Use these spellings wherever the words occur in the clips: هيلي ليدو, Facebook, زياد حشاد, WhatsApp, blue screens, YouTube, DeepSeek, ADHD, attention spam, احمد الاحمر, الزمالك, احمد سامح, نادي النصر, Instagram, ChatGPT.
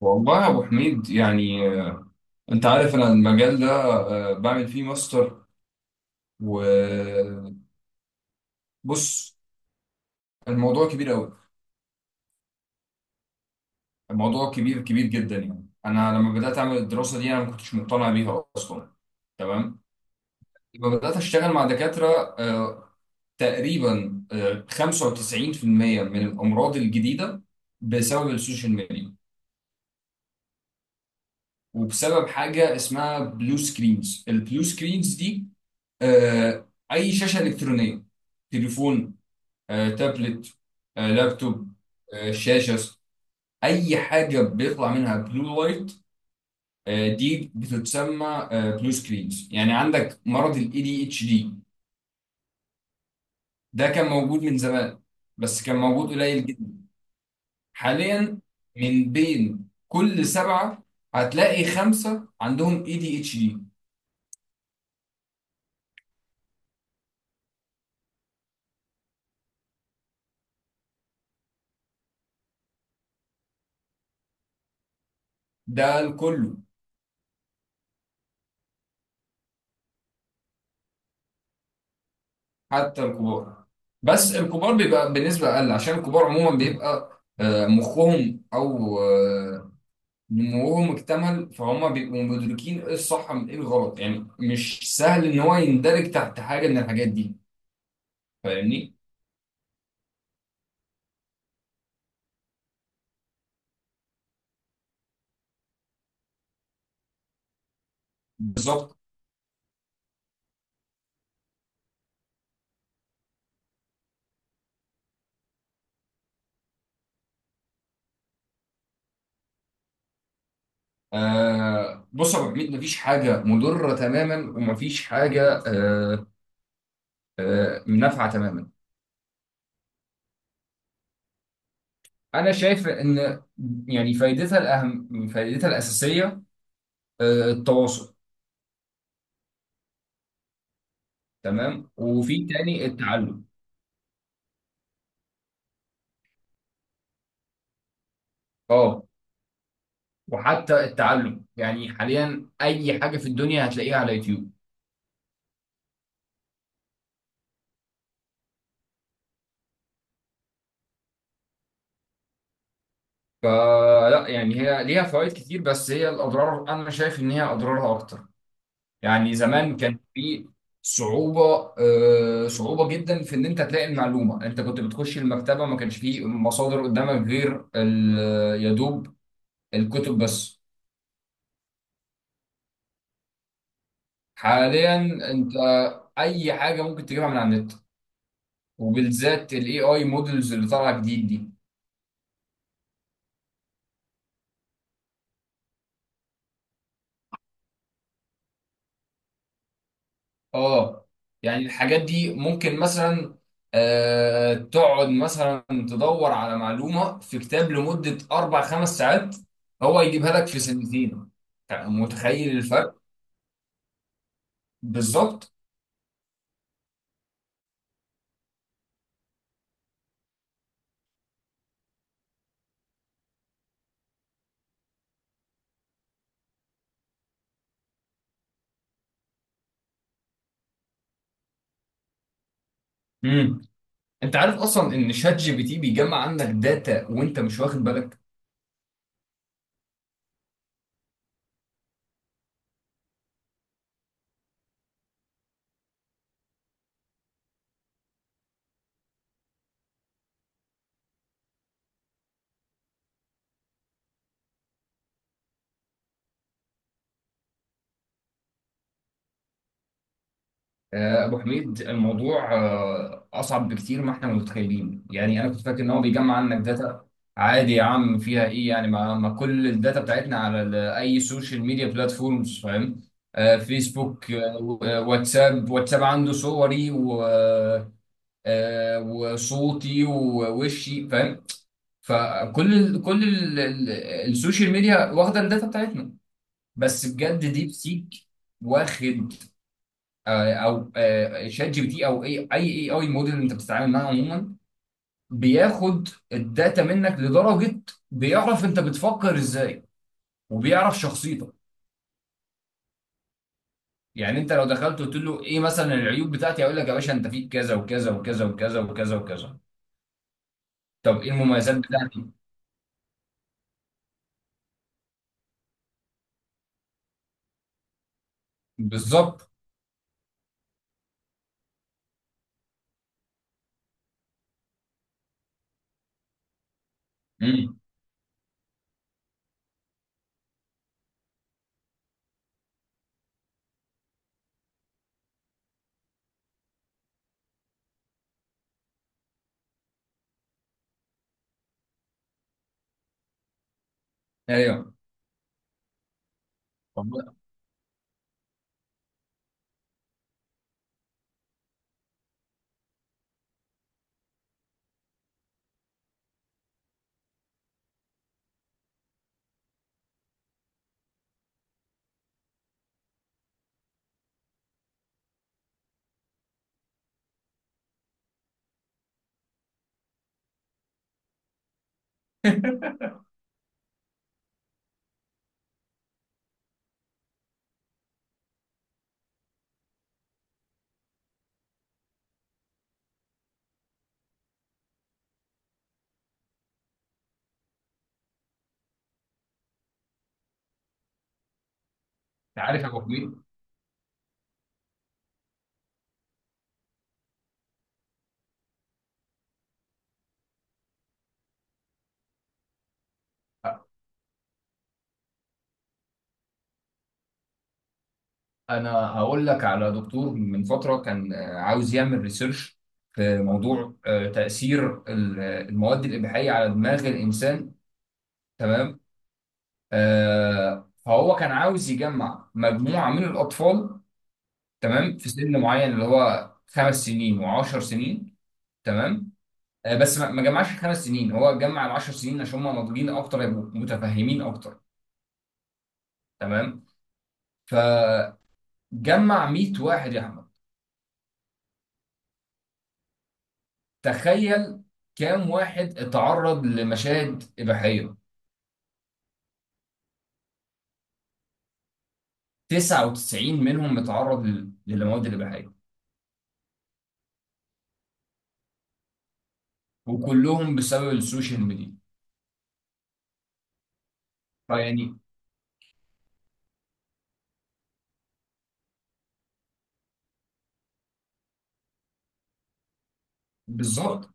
والله يا ابو حميد يعني انت عارف انا المجال ده بعمل فيه ماستر. وبص، الموضوع كبير قوي. الموضوع كبير كبير جدا. يعني انا لما بدات اعمل الدراسه دي انا ما كنتش مقتنع بيها اصلا. تمام، لما بدات اشتغل مع دكاتره، تقريبا 95% من الامراض الجديده بسبب السوشيال ميديا، وبسبب حاجه اسمها بلو سكرينز. البلو سكرينز دي اي شاشه الكترونيه: تليفون، تابلت، لابتوب، شاشه، اي حاجه بيطلع منها بلو لايت، دي بتتسمى بلو سكرينز. يعني عندك مرض الاي دي اتش دي، ده كان موجود من زمان بس كان موجود قليل جدا. حاليا، من بين كل 7 هتلاقي 5 عندهم اي دي اتش دي. ده الكل، حتى الكبار. بس الكبار بيبقى بنسبة أقل، عشان الكبار عموما بيبقى مخهم أو نموهم اكتمل، فهم بيبقوا مدركين إيه الصح من إيه الغلط. يعني مش سهل إن هو يندرج تحت حاجة من الحاجات دي. فاهمني؟ بالظبط. آه بص يا أبو حميد، مفيش حاجة مضرة تماما ومفيش حاجة نافعة تماما. أنا شايف إن يعني فايدتها الأهم، فايدتها الأساسية التواصل. تمام، وفي تاني التعلم. اه، وحتى التعلم، يعني حاليا اي حاجه في الدنيا هتلاقيها على يوتيوب. فلا، يعني هي ليها فوائد كتير بس هي الاضرار، انا شايف ان هي اضرارها اكتر. يعني زمان كان في صعوبه، آه صعوبه جدا في ان انت تلاقي المعلومه. انت كنت بتخش المكتبه، ما كانش فيه مصادر قدامك غير يا دوب الكتب بس. حاليا، انت اي حاجه ممكن تجيبها من على النت، وبالذات الاي اي مودلز اللي طالعه جديد دي. اه، يعني الحاجات دي ممكن مثلا تقعد مثلا تدور على معلومه في كتاب لمده 4 5 ساعات، هو يجيبها لك في سنتين. متخيل الفرق؟ بالظبط. امم، انت عارف اصلا ان شات جي بي تي بيجمع عندك داتا وانت مش واخد بالك. أبو حميد، الموضوع أصعب بكتير ما إحنا متخيلين. يعني أنا كنت فاكر إن هو بيجمع عنك داتا عادي، يا عم فيها إيه. يعني ما كل الداتا بتاعتنا على أي سوشيال ميديا بلاتفورمز؟ فاهم، فيسبوك، واتساب. واتساب عنده صوري وصوتي ووشي، فاهم. فكل ال كل ال ال السوشيال ميديا واخدة الداتا بتاعتنا. بس بجد، ديب سيك واخد، آه، او آه، شات جي بي تي، او اي موديل انت بتتعامل معاه عموما، بياخد الداتا منك لدرجه بيعرف انت بتفكر ازاي، وبيعرف شخصيتك. يعني انت لو دخلت قلت له ايه مثلا العيوب بتاعتي، هيقول لك يا باشا انت فيك كذا وكذا وكذا وكذا وكذا وكذا. طب ايه المميزات بتاعتي؟ بالظبط. امم، ايوه. طب انت عارف يا ابو حميد، انا هقول لك على دكتور من فتره كان عاوز يعمل ريسيرش في موضوع تاثير المواد الاباحيه على دماغ الانسان. تمام، فهو كان عاوز يجمع مجموعه من الاطفال. تمام، في سن معين، اللي هو 5 سنين و10 سنين. تمام، بس ما جمعش الـ5 سنين، هو جمع الـ10 سنين عشان هم ناضجين اكتر، يبقوا متفهمين اكتر. تمام، فجمع 100 واحد يا احمد. تخيل، كام واحد اتعرض لمشاهد إباحية؟ 99 منهم اتعرض للمواد الإباحية، وكلهم بسبب السوشيال ميديا. فيعني بالظبط.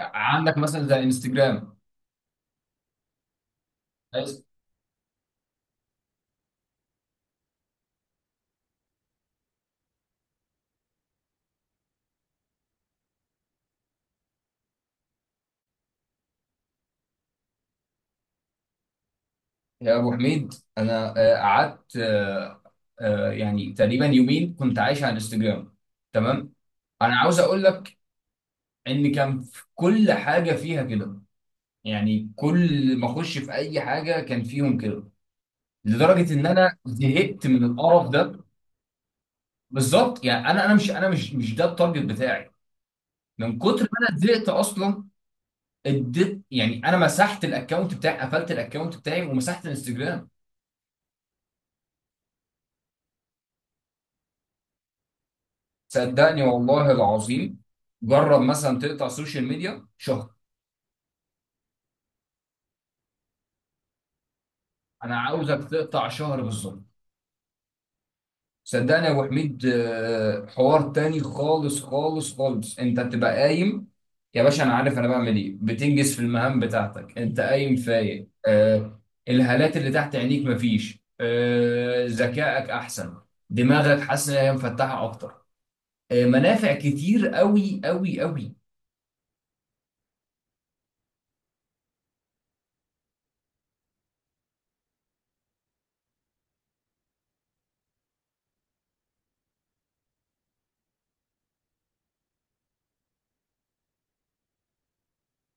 عندك مثلا زي انستجرام. يا أبو حميد، أنا قعدت، يعني تقريبا يومين كنت عايش على انستجرام. تمام، أنا عاوز أقول لك إن كان في كل حاجة فيها كده. يعني كل ما أخش في أي حاجة كان فيهم كده، لدرجه ان انا زهقت من القرف ده. بالظبط. يعني انا مش ده التارجت بتاعي. من كتر ما انا زهقت اصلا، اديت، يعني انا مسحت الاكونت بتاعي، قفلت الاكونت بتاعي ومسحت الانستجرام. صدقني والله العظيم، جرب مثلا تقطع سوشيال ميديا شهر. انا عاوزك تقطع شهر بالظبط. صدقني يا ابو حميد، حوار تاني خالص خالص خالص. انت بتبقى قايم يا باشا انا عارف انا بعمل ايه، بتنجز في المهام بتاعتك، انت قايم فايق، الهالات اللي تحت عينيك مفيش، ذكائك احسن، دماغك حاسس ان هي مفتحه اكتر. منافع كتير قوي قوي قوي.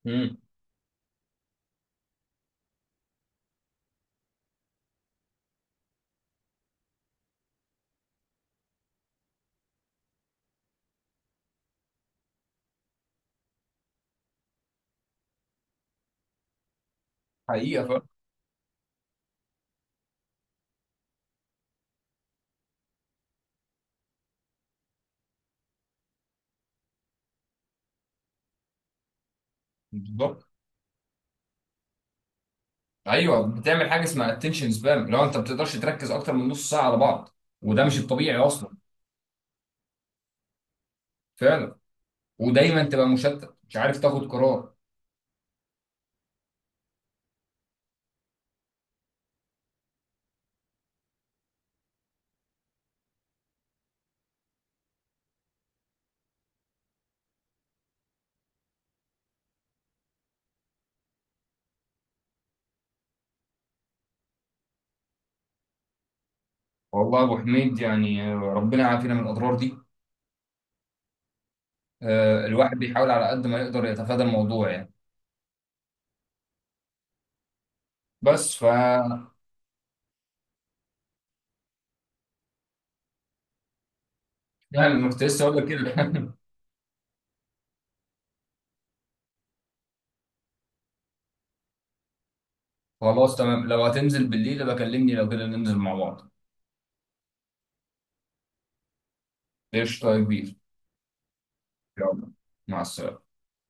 امم، حقيقه فعلا. بالظبط. ايوه، بتعمل حاجه اسمها اتنشن سبام. لو انت ما بتقدرش تركز اكتر من نص ساعه على بعض، وده مش الطبيعي اصلا. فعلا، ودايما تبقى مشتت، مش عارف تاخد قرار. والله يا ابو حميد يعني ربنا يعافينا من الاضرار دي. الواحد بيحاول على قد ما يقدر يتفادى الموضوع يعني. بس ف يعني أنا كنت لسه اقول لك كده. خلاص تمام، لو هتنزل بالليل بكلمني لو كده ننزل مع بعض. قشطه يا كبير. يلا مع السلامه.